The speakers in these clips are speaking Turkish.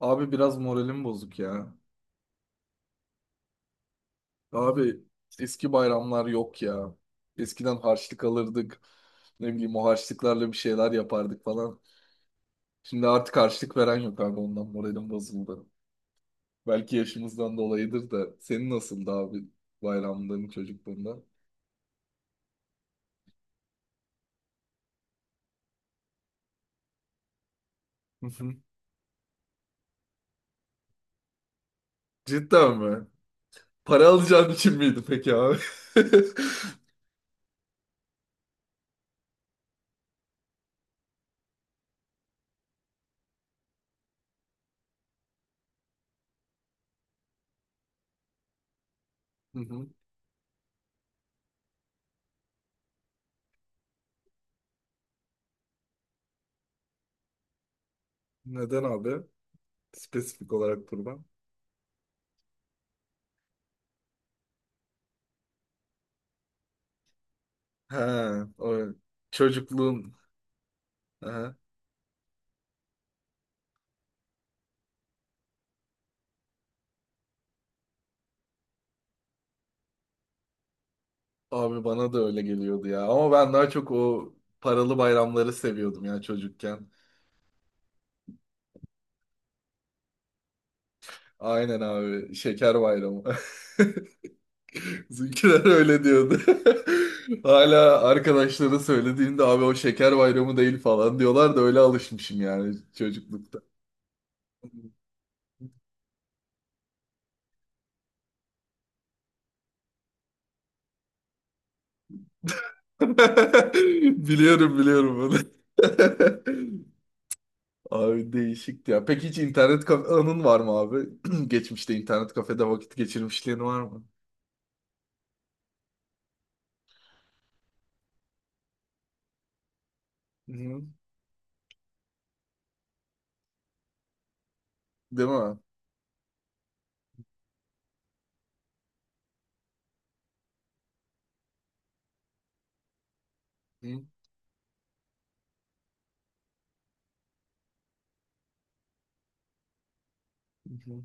Abi biraz moralim bozuk ya. Abi eski bayramlar yok ya. Eskiden harçlık alırdık. Ne bileyim o harçlıklarla bir şeyler yapardık falan. Şimdi artık harçlık veren yok abi, ondan moralim bozuldu. Belki yaşımızdan dolayıdır da. Senin nasıldı abi bayramların çocukluğunda? Hı hı. Cidden mi? Para alacağın için miydi peki abi? Hı hı. Neden abi? Spesifik olarak kurban. He, o çocukluğun. He. Abi bana da öyle geliyordu ya. Ama ben daha çok o paralı bayramları seviyordum ya çocukken. Aynen abi. Şeker bayramı. Bizimkiler öyle diyordu. Hala arkadaşlara söylediğimde abi o şeker bayramı değil falan diyorlar da öyle alışmışım yani çocuklukta. Biliyorum biliyorum bunu. Abi değişikti ya. Peki hiç internet kafe anın var mı abi? Geçmişte internet kafede vakit geçirmişliğin var mı? Değil mi? Hı, hı, hı,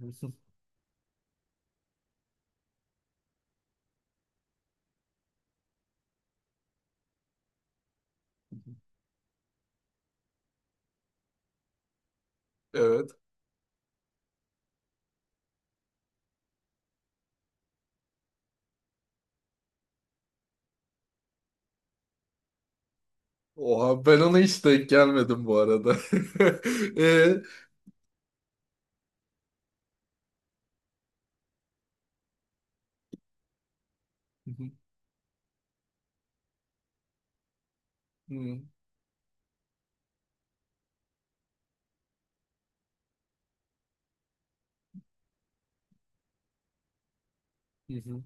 hı. Evet. Oha, ben ona hiç denk gelmedim bu arada. E, hı, hı, hı, hı.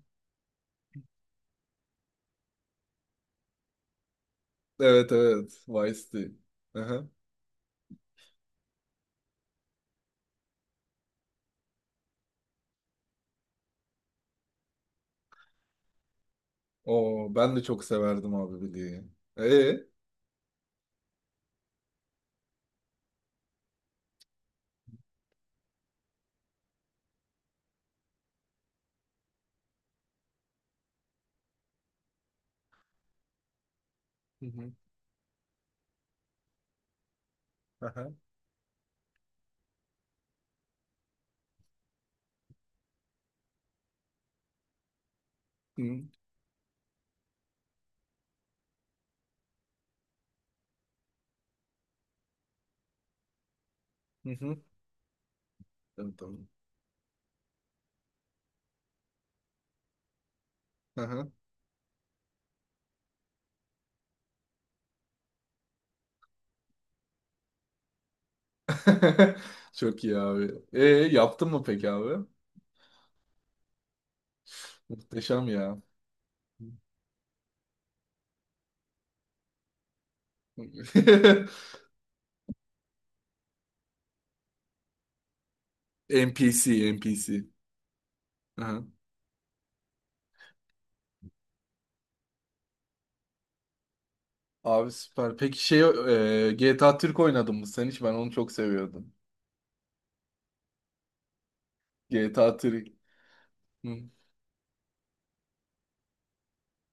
Evet evet. Vice City. Aha. Oo, ben de çok severdim abi Billy'yi. E, Hı hı. Aha. Hı, hı, hı. Evet, tamam. Aha. Çok iyi abi. Yaptın mı peki abi? Muhteşem ya. NPC, NPC. Abi süper. Peki GTA Türk oynadın mı sen hiç? Ben onu çok seviyordum. GTA Türk. Hı,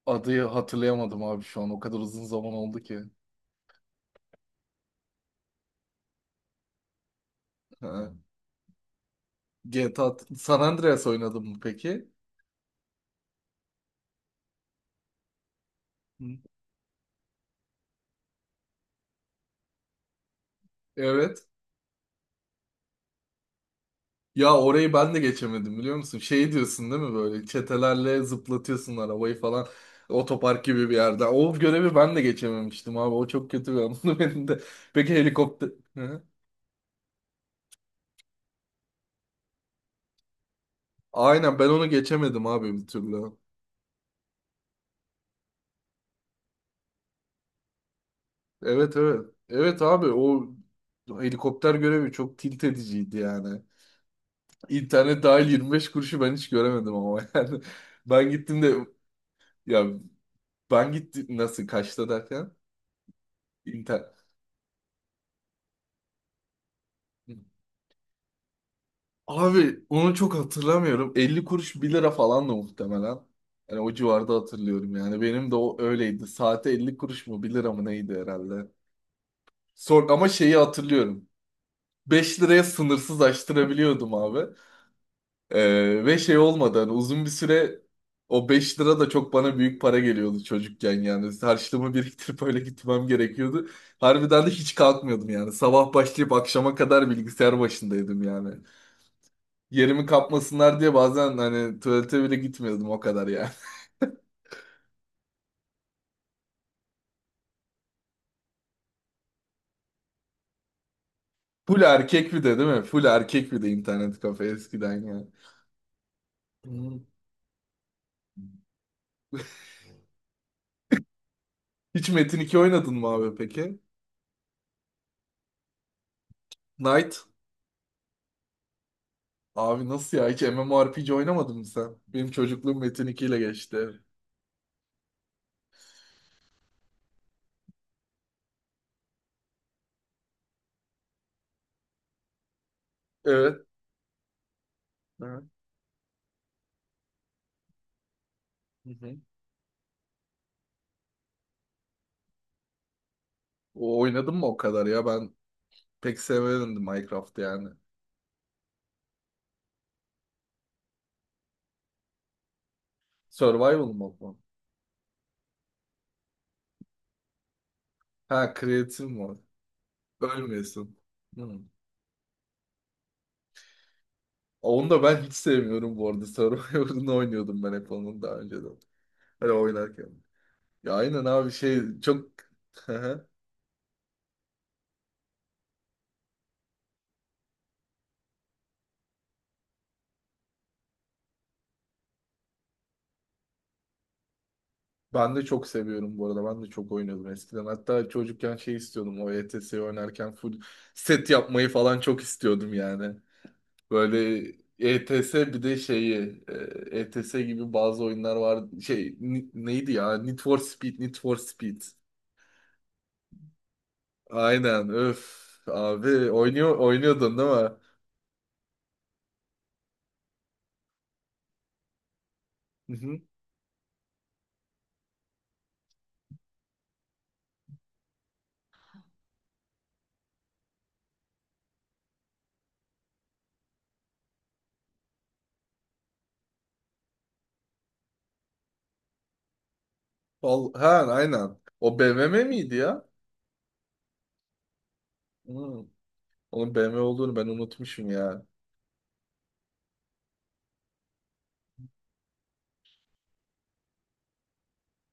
adı hatırlayamadım abi şu an. O kadar uzun zaman oldu ki. Ha. GTA T- A T- San Andreas oynadın mı peki? Hı. Evet. Ya orayı ben de geçemedim biliyor musun? Şey diyorsun değil mi, böyle çetelerle zıplatıyorsun arabayı falan. Otopark gibi bir yerde. O görevi ben de geçememiştim abi. O çok kötü bir anımdı benim de. Peki helikopter... Hı. Aynen, ben onu geçemedim abi bir türlü. Evet evet. Evet abi o helikopter görevi çok tilt ediciydi yani. İnternet dahil 25 kuruşu ben hiç göremedim ama yani. Ben gittim de, ya ben gittim nasıl kaçta derken inter abi onu çok hatırlamıyorum. 50 kuruş bir lira falan da muhtemelen. Yani o civarda hatırlıyorum yani. Benim de o öyleydi. Saate 50 kuruş mu bir lira mı neydi herhalde. Son, ama şeyi hatırlıyorum. 5 liraya sınırsız açtırabiliyordum abi. Ve şey olmadan uzun bir süre o 5 lira da çok bana büyük para geliyordu çocukken yani. Harçlığımı biriktirip öyle gitmem gerekiyordu. Harbiden de hiç kalkmıyordum yani. Sabah başlayıp akşama kadar bilgisayar başındaydım yani. Yerimi kapmasınlar diye bazen hani tuvalete bile gitmiyordum o kadar yani. Full erkek bir de değil mi? Full erkek bir de internet kafe eskiden yani. Hmm. Hiç Metin 2 oynadın mı abi peki? Knight? Abi nasıl ya? Hiç MMORPG oynamadın mı sen? Benim çocukluğum Metin 2 ile geçti. Evet. Evet. Hı hı. O- oynadım mı o kadar ya? Ben pek sevemedim Minecraft'ı yani. Survival mod mu? Ha, creative mod. Ölmüyorsun. Hmm. Onu da ben hiç sevmiyorum bu arada. Survival'ını oynuyordum ben hep onun daha önceden. Hani oynarken. Ya aynen abi şey çok... Hı hı. Ben de çok seviyorum bu arada. Ben de çok oynuyordum eskiden. Hatta çocukken şey istiyordum. O ETS'yi oynarken full set yapmayı falan çok istiyordum yani. Böyle ETS bir de şeyi, ETS gibi bazı oyunlar var. Şey neydi ya? Need for Speed, Need for Speed. Aynen. Öf abi oynuyordun değil mi? Hı hı. Ha aynen. O BMW miydi ya? Hı. Onun BMW olduğunu ben unutmuşum ya.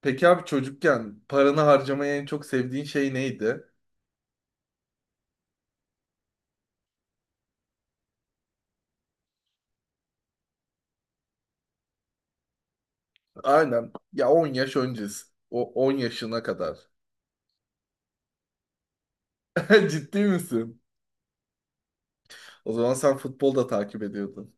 Peki abi çocukken paranı harcamayı en çok sevdiğin şey neydi? Aynen. Ya 10 yaş öncesi. O 10 yaşına kadar. Ciddi misin? O zaman sen futbol da takip ediyordun.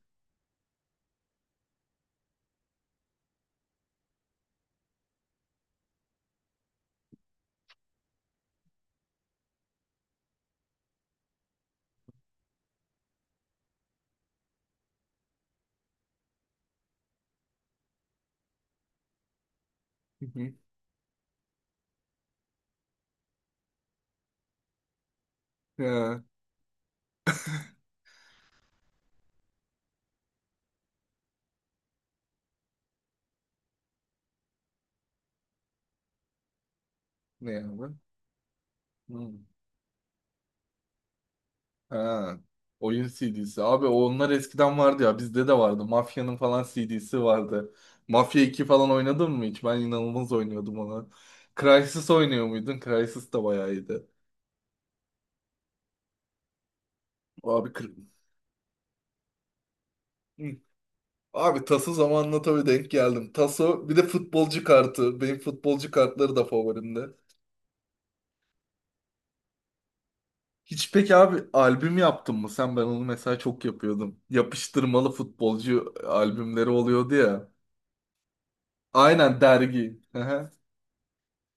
Ha, ne abi? Hmm. Ha, oyun CD'si. Abi onlar eskiden vardı ya. Bizde de vardı. Mafya'nın falan CD'si vardı. Mafya 2 falan oynadın mı hiç? Ben inanılmaz oynuyordum ona. Crysis oynuyor muydun? Crysis de bayağı iyiydi. Abi kır... Hı. Abi Taso zamanla tabii denk geldim. Taso bir de futbolcu kartı. Benim futbolcu kartları da favorimde. Hiç peki abi albüm yaptın mı sen? Ben onu mesela çok yapıyordum. Yapıştırmalı futbolcu albümleri oluyordu ya. Aynen dergi. Hı hı.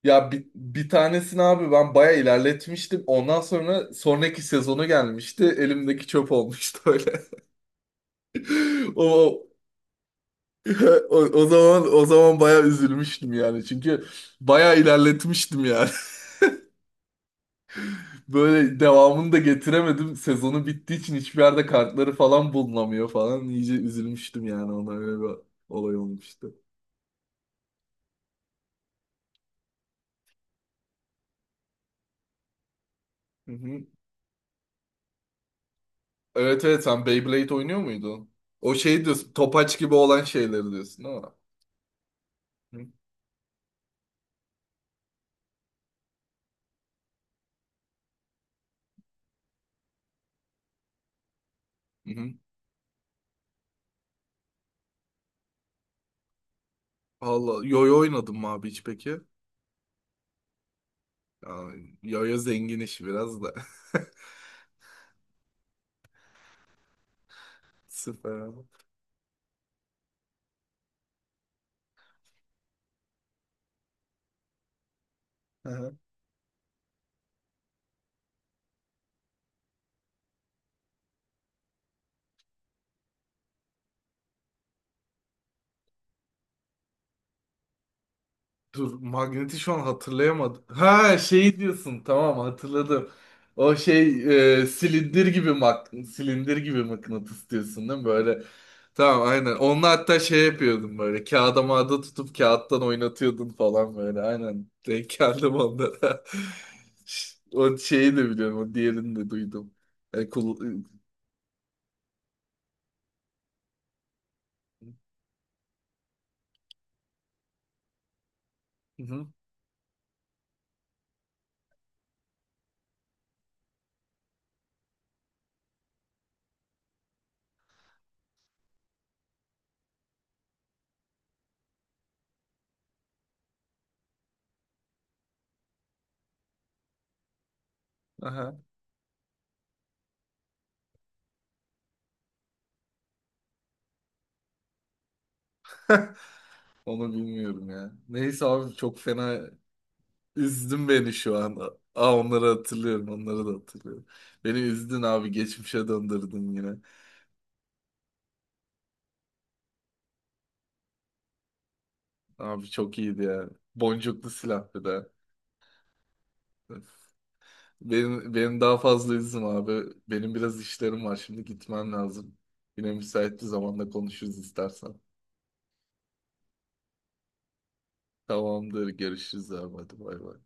Ya bir tanesini abi ben baya ilerletmiştim. Ondan sonra sonraki sezonu gelmişti. Elimdeki çöp olmuştu öyle. O, o zaman baya üzülmüştüm yani. Çünkü baya ilerletmiştim yani. Böyle devamını da getiremedim. Sezonu bittiği için hiçbir yerde kartları falan bulunamıyor falan. İyice üzülmüştüm yani, ona öyle bir olay olmuştu. Hı hı. Evet evet, sen Beyblade oynuyor muydun? O şey diyorsun, topaç gibi olan şeyleri diyorsun değil mi? Hı hı. Valla yoyo oynadım mı abi hiç peki? Ya, yoyo zengin işi biraz da. Süper abi. Dur, Magnet'i şu an hatırlayamadım. Ha şey diyorsun, tamam hatırladım. O şey, silindir gibi silindir gibi mıknatıs diyorsun değil mi böyle? Tamam aynen. Onunla hatta şey yapıyordum, böyle kağıda mağda tutup kağıttan oynatıyordun falan böyle, aynen. Denk geldim onlara. O şeyi de biliyorum, o diğerini de duydum. E, kul- Hı hı. Aha, onu bilmiyorum ya. Neyse abi çok fena. Üzdün beni şu an. Aa, onları hatırlıyorum. Onları da hatırlıyorum. Beni üzdün abi. Geçmişe döndürdün yine. Abi çok iyiydi ya. Boncuklu silah bir de. Benim daha fazla üzüm abi. Benim biraz işlerim var. Şimdi gitmem lazım. Yine müsait bir zamanda konuşuruz istersen. Tamamdır. Görüşürüz abi. Hadi bay bay.